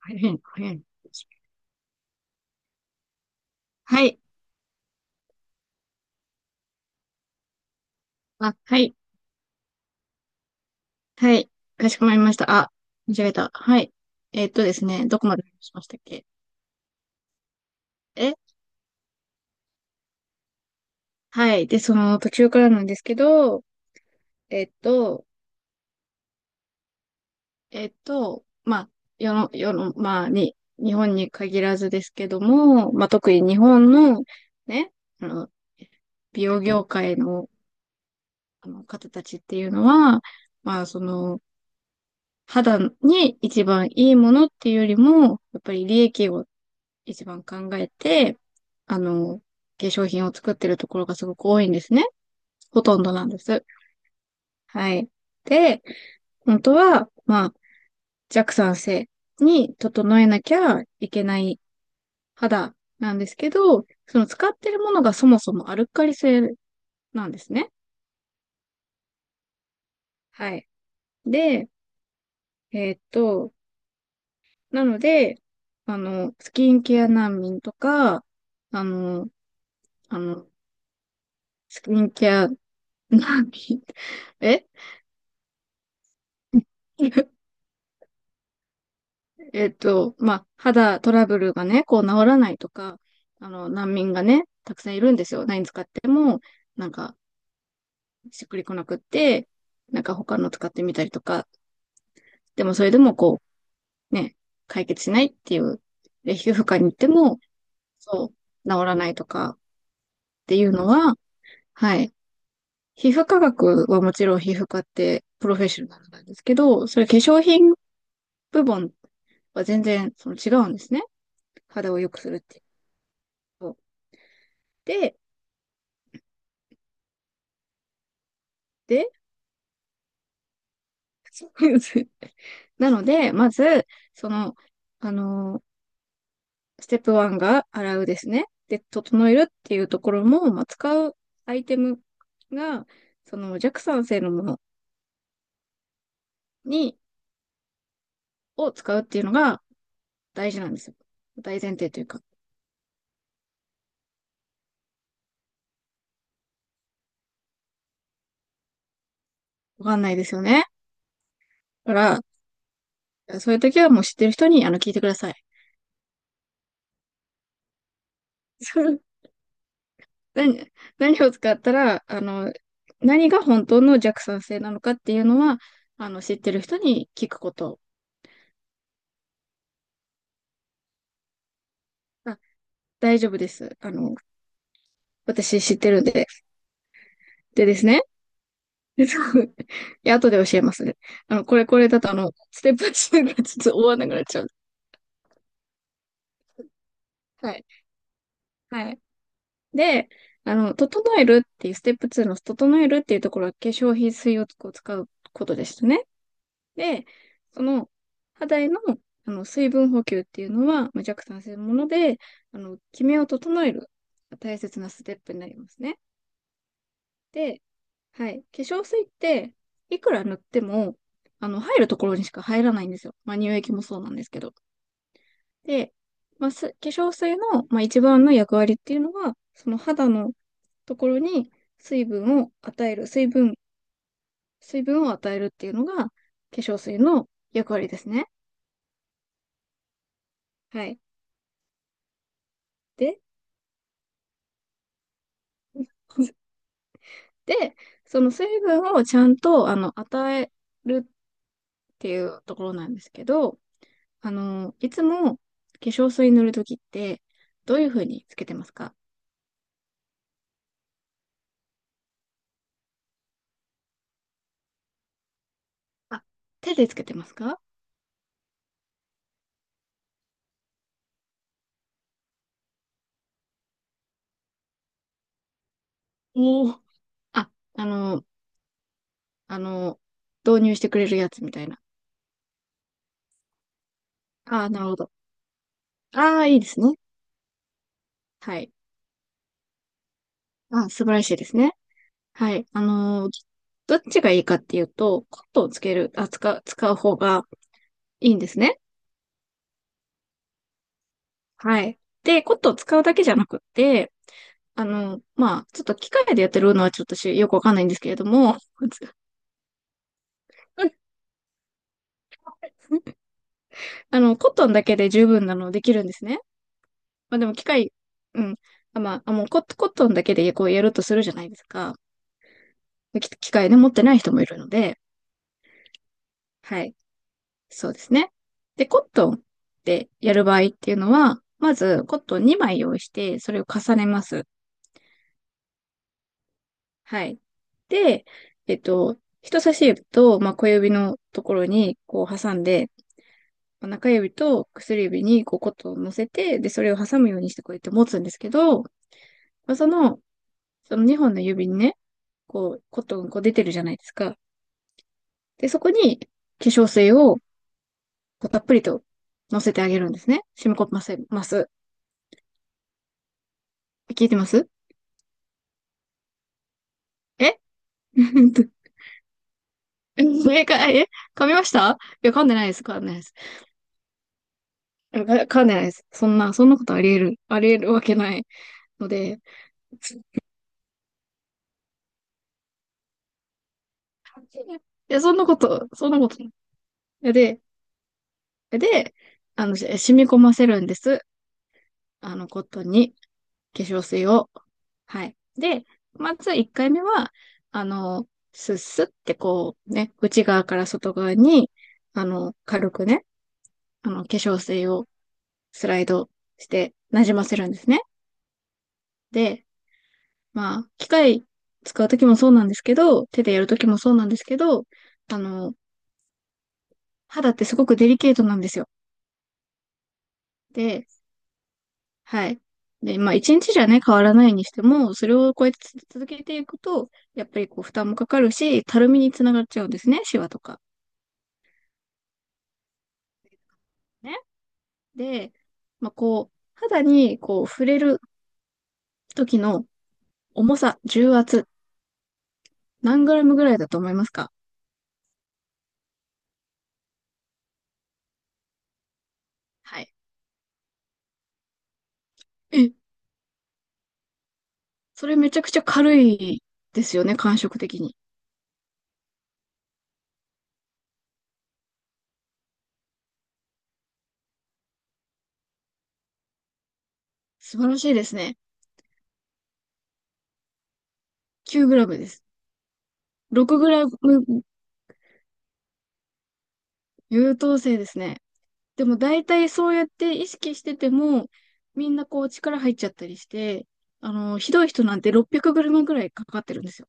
大変、大変。はい。あ、はい。はい。かしこまりました。あ、間違えた。はい。ですね、どこまで話しましたっけ？えはい。で、その途中からなんですけど、えーっと、まあ、世の、まあ、日本に限らずですけども、まあ、特に日本の、ね、あの、美容業界の、あの方たちっていうのは、まあ、その、肌に一番いいものっていうよりも、やっぱり利益を一番考えて、あの、化粧品を作ってるところがすごく多いんですね。ほとんどなんです。はい。で、本当は、まあ、弱酸性に整えなきゃいけない肌なんですけど、その使ってるものがそもそもアルカリ性なんですね。はい。で、えーっと、なので、スキンケア難民とか、あの、あの、スキンケア難民、え まあ、肌トラブルがね、こう治らないとか、難民がね、たくさんいるんですよ。何使っても、なんか、しっくりこなくって、なんか他の使ってみたりとか、でもそれでもこう、ね、解決しないっていう、で、皮膚科に行っても、そう、治らないとかっていうのは、はい。皮膚科学はもちろん皮膚科ってプロフェッショナルなんですけど、それ化粧品部門は全然その違うんですね。肌を良くするっていうこと。で、で、なので、まず、その、あのステップ1が洗うですね。で、整えるっていうところも、まあ、使うアイテムが、その弱酸性のものに、を使うっていうのが大事なんですよ。大前提というか、わかんないですよね。だから、そういう時はもう知ってる人に、聞いてください。何、何を使ったら、何が本当の弱酸性なのかっていうのは、知ってる人に聞くこと。が大丈夫です。私知ってるんで。でですね。でそう いや、後で教えますね。これだと、ステップ2がちょっと終わんなくなっちゃう。はい。はい。で、整えるっていう、ステップ2の整えるっていうところは化粧品水をこう使うことでしたね。で、その、肌への、水分補給っていうのは、まあ、弱酸性のもので、キメを整える大切なステップになりますね。で、はい。化粧水って、いくら塗っても、入るところにしか入らないんですよ。まあ、乳液もそうなんですけど。で、まあ、化粧水の、まあ、一番の役割っていうのは、その肌のところに水分を与える、水分、水分を与えるっていうのが、化粧水の役割ですね。はい。で、で、その水分をちゃんと、与えるっていうところなんですけど、いつも化粧水塗るときって、どういうふうにつけてますか？あ、手でつけてますか？おおー。あ、あの、あの、導入してくれるやつみたいな。ああ、なるほど。ああ、いいですね。はい。あ、素晴らしいですね。はい。どっちがいいかっていうと、コットンをつける、あ、使う、使う方がいいんですね。はい。で、コットンを使うだけじゃなくって、まあ、ちょっと機械でやってるのはちょっと私よくわかんないんですけれども、コットンだけで十分なのできるんですね。まあでも機械、うん。あ、まあ、あもうコ、コットンだけでこうやるとするじゃないですか。機械で持ってない人もいるので、はい。そうですね。で、コットンでやる場合っていうのは、まずコットン2枚用意して、それを重ねます。はい。で、えっと、人差し指と、まあ、小指のところにこう挟んで、まあ中指と薬指にこうコットンを乗せて、で、それを挟むようにしてこうやって持つんですけど、まあその、その2本の指にね、こう、コットンこう出てるじゃないですか。で、そこに化粧水をこうたっぷりと乗せてあげるんですね。染み込ませます。聞いてます？え え、か、え噛みました？いや、噛んでないです。噛んでないです。噛んでないです。そんなことあり得るわけないので。いや、そんなことで、で、染み込ませるんです。コットンに。化粧水を。はい。で、まず1回目は、あの、スッスってこうね、内側から外側に、軽くね、化粧水をスライドして馴染ませるんですね。で、まあ、機械使うときもそうなんですけど、手でやるときもそうなんですけど、あの、肌ってすごくデリケートなんですよ。で、はい。で、まあ、一日じゃね、変わらないにしても、それをこうやって続けていくと、やっぱりこう、負担もかかるし、たるみにつながっちゃうんですね、シワとか。ね。で、まあ、こう、肌にこう、触れる時の重さ、重圧、何グラムぐらいだと思いますか？はい。え、それめちゃくちゃ軽いですよね、感触的に。素晴らしいですね。9グラムです。6グラム優等生ですね。でも大体そうやって意識してても、みんなこう力入っちゃったりして、ひどい人なんて600ムぐらいかかってるんですよ。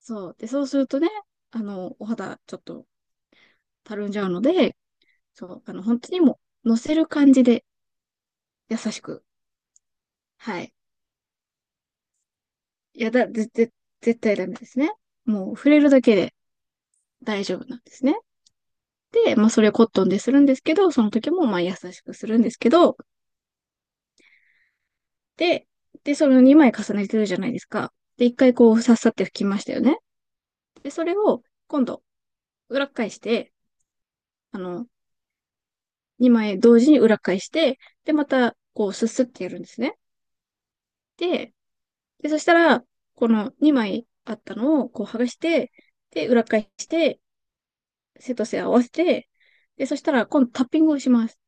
そう。で、そうするとね、お肌ちょっとたるんじゃうので、そう、本当にもう乗せる感じで優しく。はい。いやだ、絶対ダメですね。もう触れるだけで大丈夫なんですね。で、まあそれをコットンでするんですけど、その時もまあ優しくするんですけど、で、で、その2枚重ねてるじゃないですか。で、1回こう、さっさって拭きましたよね。で、それを、今度、裏返して、あの、2枚同時に裏返して、で、また、こう、すすってやるんですね。で、で、そしたら、この2枚あったのを、こう、剥がして、で、裏返して、背と背合わせて、で、そしたら、今度タッピングをします。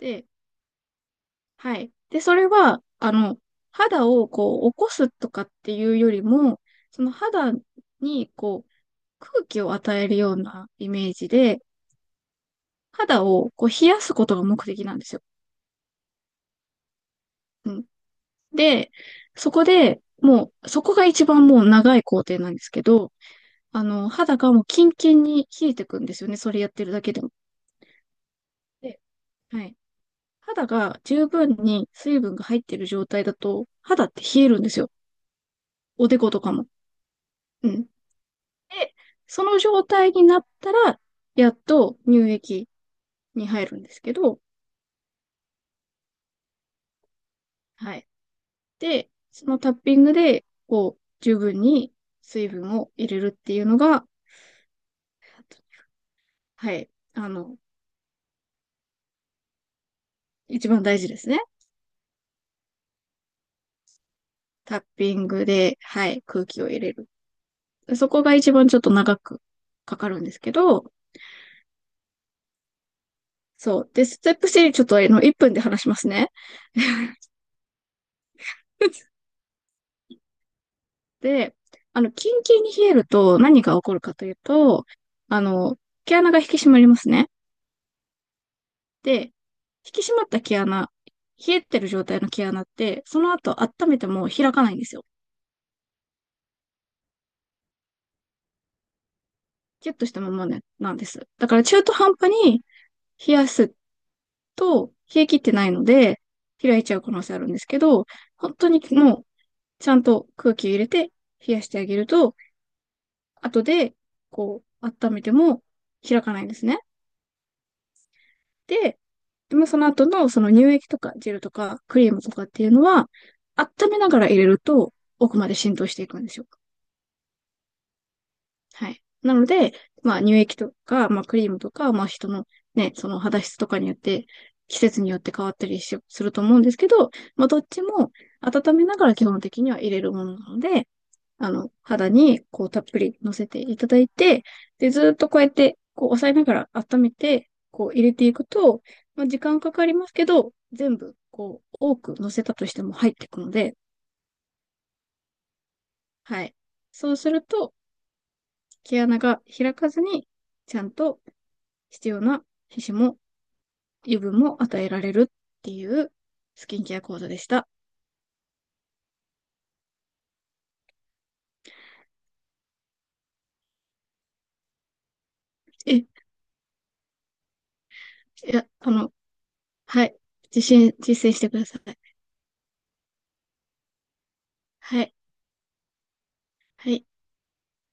で、はい。で、それは、肌をこう、起こすとかっていうよりも、その肌に空気を与えるようなイメージで、肌をこう冷やすことが目的なんですよ。うん。で、そこで、もう、そこが一番もう長い工程なんですけど、肌がもうキンキンに冷えてくんですよね。それやってるだけでも。で、はい。肌が十分に水分が入ってる状態だと、肌って冷えるんですよ。おでことかも。うん。で、その状態になったら、やっと乳液に入るんですけど、はい。で、そのタッピングで、こう、十分に水分を入れるっていうのが、はい、一番大事ですね。タッピングで、はい、空気を入れる。そこが一番ちょっと長くかかるんですけど、そう。で、ステップ3ちょっと1分で話しますね。で、キンキンに冷えると何が起こるかというと、あの、毛穴が引き締まりますね。で、引き締まった毛穴、冷えてる状態の毛穴って、その後温めても開かないんですよ。キュッとしたままね、なんです。だから中途半端に冷やすと、冷え切ってないので、開いちゃう可能性あるんですけど、本当にもう、ちゃんと空気を入れて冷やしてあげると、後で、こう、温めても開かないんですね。で、でもその後のその乳液とかジェルとかクリームとかっていうのは、温めながら入れると奥まで浸透していくんですよ。はい。なので、まあ乳液とか、まあクリームとか、まあ人のね、その肌質とかによって、季節によって変わったりしすると思うんですけど、まあどっちも温めながら基本的には入れるものなので、肌にこうたっぷり乗せていただいて、で、ずーっとこうやってこう押さえながら温めて、こう入れていくと、まあ時間かかりますけど、全部こう多く乗せたとしても入っていくので、はい。そうすると毛穴が開かずにちゃんと必要な皮脂も油分も与えられるっていうスキンケア講座でした。え、いや、はい。実践してください。はい。はい。